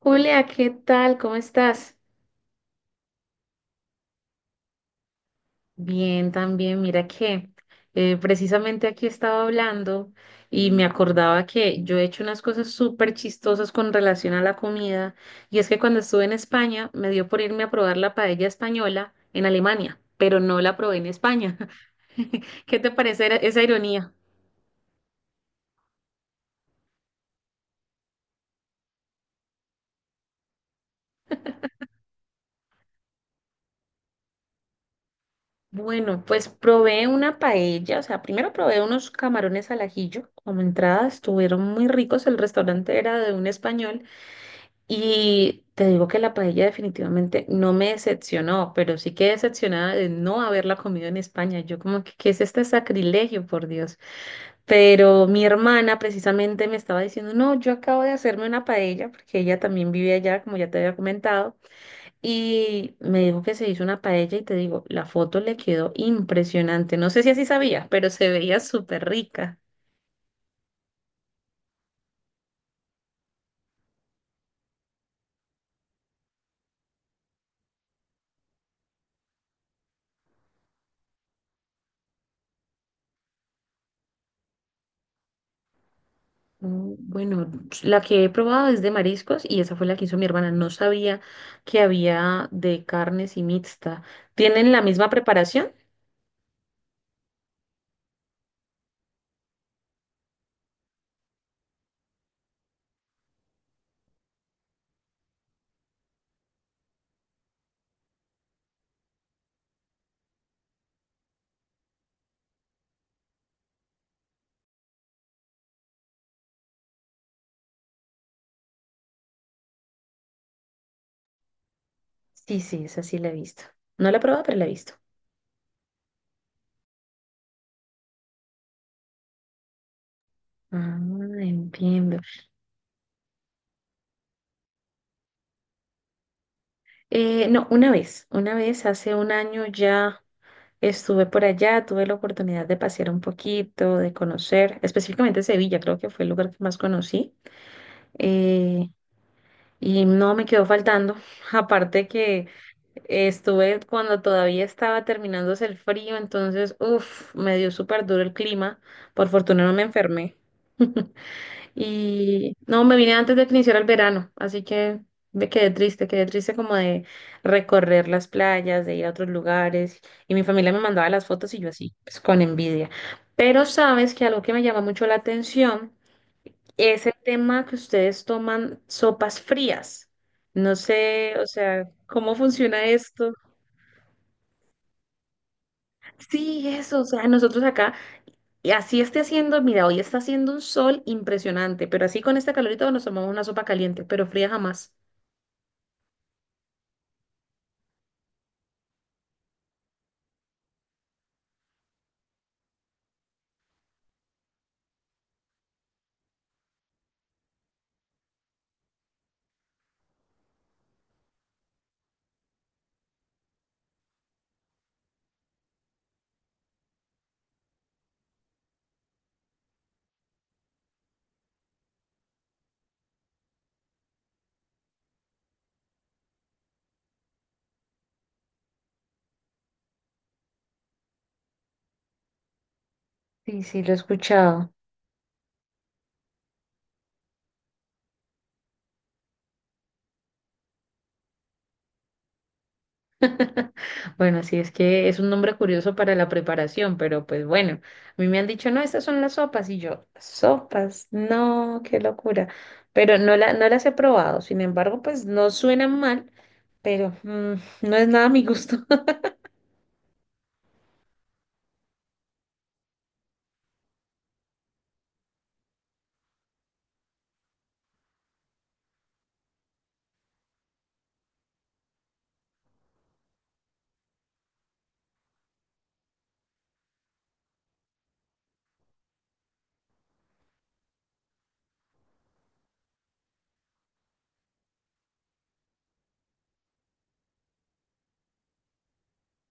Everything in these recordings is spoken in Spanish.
Julia, ¿qué tal? ¿Cómo estás? Bien, también. Mira que precisamente aquí estaba hablando y me acordaba que yo he hecho unas cosas súper chistosas con relación a la comida. Y es que cuando estuve en España me dio por irme a probar la paella española en Alemania, pero no la probé en España. ¿Qué te parece esa ironía? Bueno, pues probé una paella, o sea, primero probé unos camarones al ajillo como entrada, estuvieron muy ricos, el restaurante era de un español. Y te digo que la paella definitivamente no me decepcionó, pero sí quedé decepcionada de no haberla comido en España. Yo como que, ¿qué es este sacrilegio, por Dios? Pero mi hermana precisamente me estaba diciendo, no, yo acabo de hacerme una paella, porque ella también vive allá, como ya te había comentado, y me dijo que se hizo una paella y te digo, la foto le quedó impresionante. No sé si así sabías, pero se veía súper rica. Mm, bueno, la que he probado es de mariscos y esa fue la que hizo mi hermana. No sabía que había de carnes y mixta. ¿Tienen la misma preparación? Sí, sí, esa sí la he visto. No la he probado, pero la he visto. Ah, entiendo. No, una vez, hace un año ya estuve por allá, tuve la oportunidad de pasear un poquito, de conocer, específicamente Sevilla, creo que fue el lugar que más conocí. Eh, Y no me quedó faltando. Aparte que estuve cuando todavía estaba terminándose el frío, entonces, uff, me dio súper duro el clima. Por fortuna no me enfermé. Y no, me vine antes de que iniciara el verano, así que me quedé triste como de recorrer las playas, de ir a otros lugares. Y mi familia me mandaba las fotos y yo así, pues con envidia. Pero sabes que algo que me llama mucho la atención es el tema que ustedes toman sopas frías. No sé, o sea, ¿cómo funciona esto? Sí, eso, o sea, nosotros acá, y así esté haciendo, mira, hoy está haciendo un sol impresionante, pero así con este calorito nos tomamos una sopa caliente, pero fría jamás. Sí, sí, lo he escuchado. Bueno, sí, es que es un nombre curioso para la preparación, pero pues bueno, a mí me han dicho, no, estas son las sopas, y yo, sopas, no, qué locura, pero no, la, no las he probado, sin embargo, pues no suenan mal, pero mm, no es nada a mi gusto.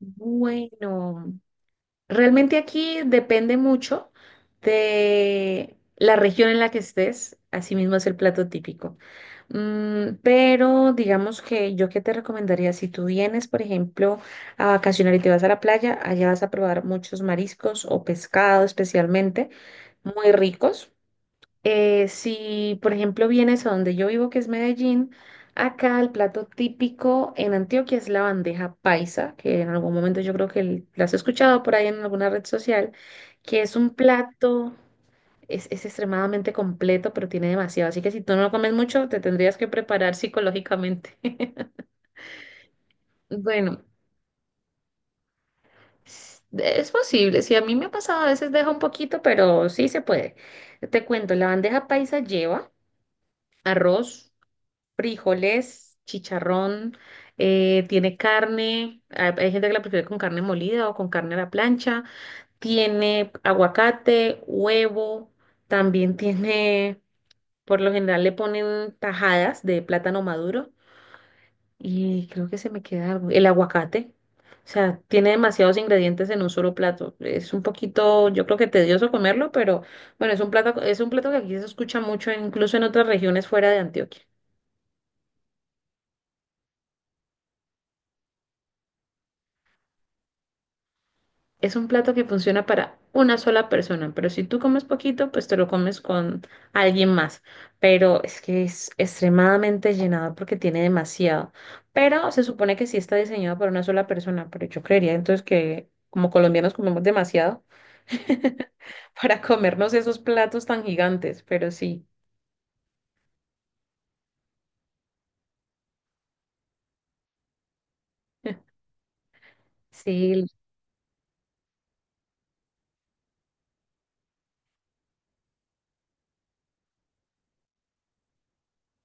Bueno, realmente aquí depende mucho de la región en la que estés, asimismo es el plato típico. Mm, pero digamos que yo qué te recomendaría, si tú vienes, por ejemplo, a vacacionar y te vas a la playa, allá vas a probar muchos mariscos o pescado especialmente, muy ricos. Si, por ejemplo, vienes a donde yo vivo, que es Medellín, acá el plato típico en Antioquia es la bandeja paisa, que en algún momento yo creo que la has escuchado por ahí en alguna red social, que es un plato, es extremadamente completo, pero tiene demasiado. Así que si tú no lo comes mucho, te tendrías que preparar psicológicamente. Bueno, es posible. Si a mí me ha pasado, a veces deja un poquito, pero sí se puede. Te cuento, la bandeja paisa lleva arroz, frijoles, chicharrón, tiene carne, hay gente que la prefiere con carne molida o con carne a la plancha, tiene aguacate, huevo, también tiene, por lo general le ponen tajadas de plátano maduro y creo que se me queda algo, el aguacate. O sea, tiene demasiados ingredientes en un solo plato. Es un poquito, yo creo que tedioso comerlo, pero bueno, es un plato que aquí se escucha mucho, incluso en otras regiones fuera de Antioquia. Es un plato que funciona para una sola persona, pero si tú comes poquito, pues te lo comes con alguien más. Pero es que es extremadamente llenador porque tiene demasiado. Pero se supone que sí está diseñado para una sola persona, pero yo creería entonces que como colombianos comemos demasiado para comernos esos platos tan gigantes, pero sí. Sí,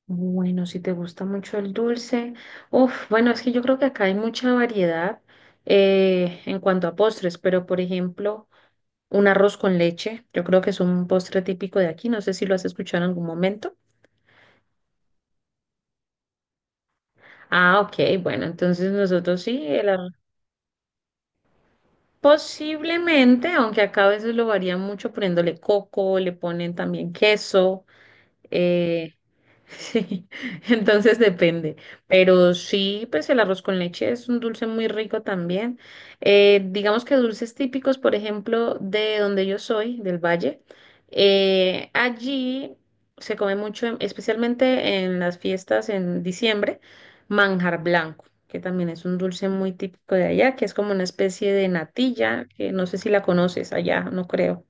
bueno, si te gusta mucho el dulce. Uf, bueno, es que yo creo que acá hay mucha variedad en cuanto a postres, pero por ejemplo... Un arroz con leche, yo creo que es un postre típico de aquí, no sé si lo has escuchado en algún momento. Ah, ok, bueno, entonces nosotros sí, el arroz. Posiblemente, aunque acá a veces lo varían mucho poniéndole coco, le ponen también queso. Eh, sí, entonces depende. Pero sí, pues el arroz con leche es un dulce muy rico también. Digamos que dulces típicos, por ejemplo, de donde yo soy, del Valle, allí se come mucho, especialmente en las fiestas en diciembre, manjar blanco, que también es un dulce muy típico de allá, que es como una especie de natilla, que no sé si la conoces allá, no creo.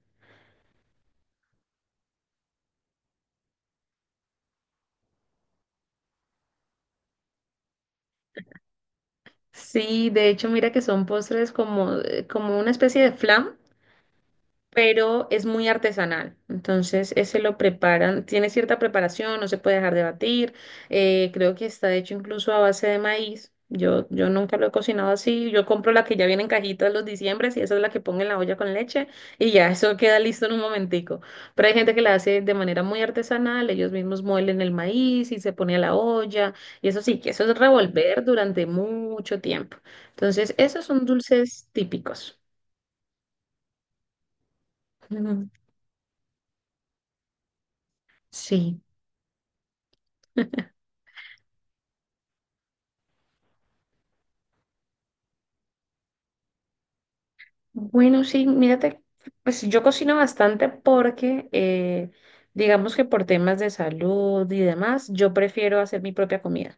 Sí, de hecho, mira que son postres como, como una especie de flan, pero es muy artesanal. Entonces, ese lo preparan, tiene cierta preparación, no se puede dejar de batir. Creo que está hecho incluso a base de maíz. Yo nunca lo he cocinado así. Yo compro la que ya viene en cajitas los diciembres y esa es la que pongo en la olla con leche y ya eso queda listo en un momentico. Pero hay gente que la hace de manera muy artesanal, ellos mismos muelen el maíz y se pone a la olla y eso sí, que eso es revolver durante mucho tiempo. Entonces, esos son dulces típicos. Ujú. Sí. Bueno, sí, mírate, pues yo cocino bastante porque, digamos que por temas de salud y demás, yo prefiero hacer mi propia comida.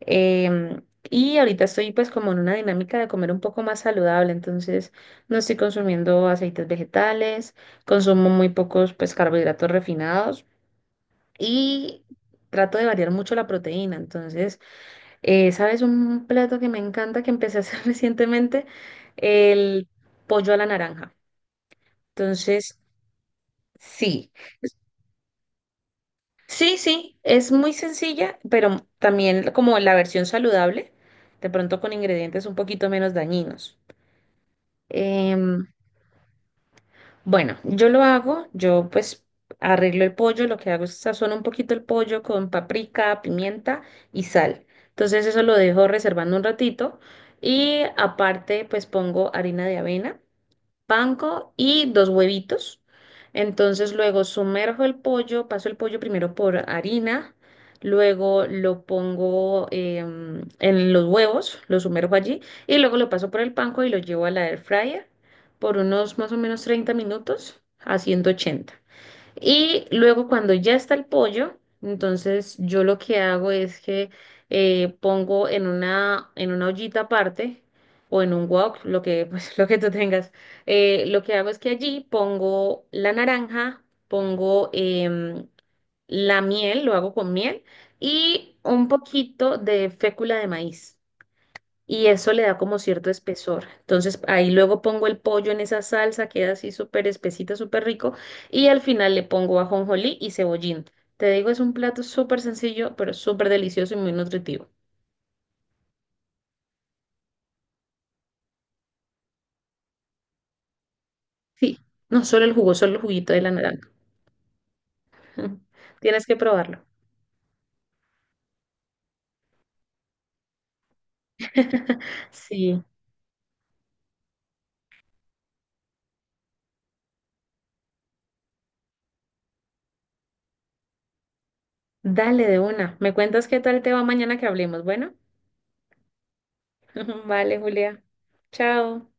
Em, y ahorita estoy pues como en una dinámica de comer un poco más saludable, entonces no estoy consumiendo aceites vegetales, consumo muy pocos pues carbohidratos refinados y trato de variar mucho la proteína. Entonces, ¿sabes un plato que me encanta que empecé a hacer recientemente? El pollo a la naranja. Entonces, sí. Sí, sí, es muy sencilla, pero también como la versión saludable, de pronto con ingredientes un poquito menos dañinos. Em, bueno, yo lo hago, yo pues arreglo el pollo, lo que hago es sazono un poquito el pollo con paprika, pimienta y sal. Entonces eso lo dejo reservando un ratito y aparte pues pongo harina de avena, panko y dos huevitos. Entonces luego sumerjo el pollo, paso el pollo primero por harina, luego lo pongo en los huevos, lo sumerjo allí y luego lo paso por el panko y lo llevo a la air fryer por unos más o menos 30 minutos a 180. Y luego cuando ya está el pollo, entonces yo lo que hago es que pongo en una ollita aparte o en un wok, lo que, pues, lo que tú tengas. Lo que hago es que allí pongo la naranja, pongo la miel, lo hago con miel y un poquito de fécula de maíz y eso le da como cierto espesor. Entonces ahí luego pongo el pollo en esa salsa, queda así súper espesita, súper rico, y al final le pongo ajonjolí y cebollín. Te digo, es un plato súper sencillo, pero súper delicioso y muy nutritivo. Sí, no solo el jugo, solo el juguito de la naranja. Tienes que probarlo. Sí, dale de una. Me cuentas qué tal te va mañana que hablemos. Bueno, vale, Julia. Chao.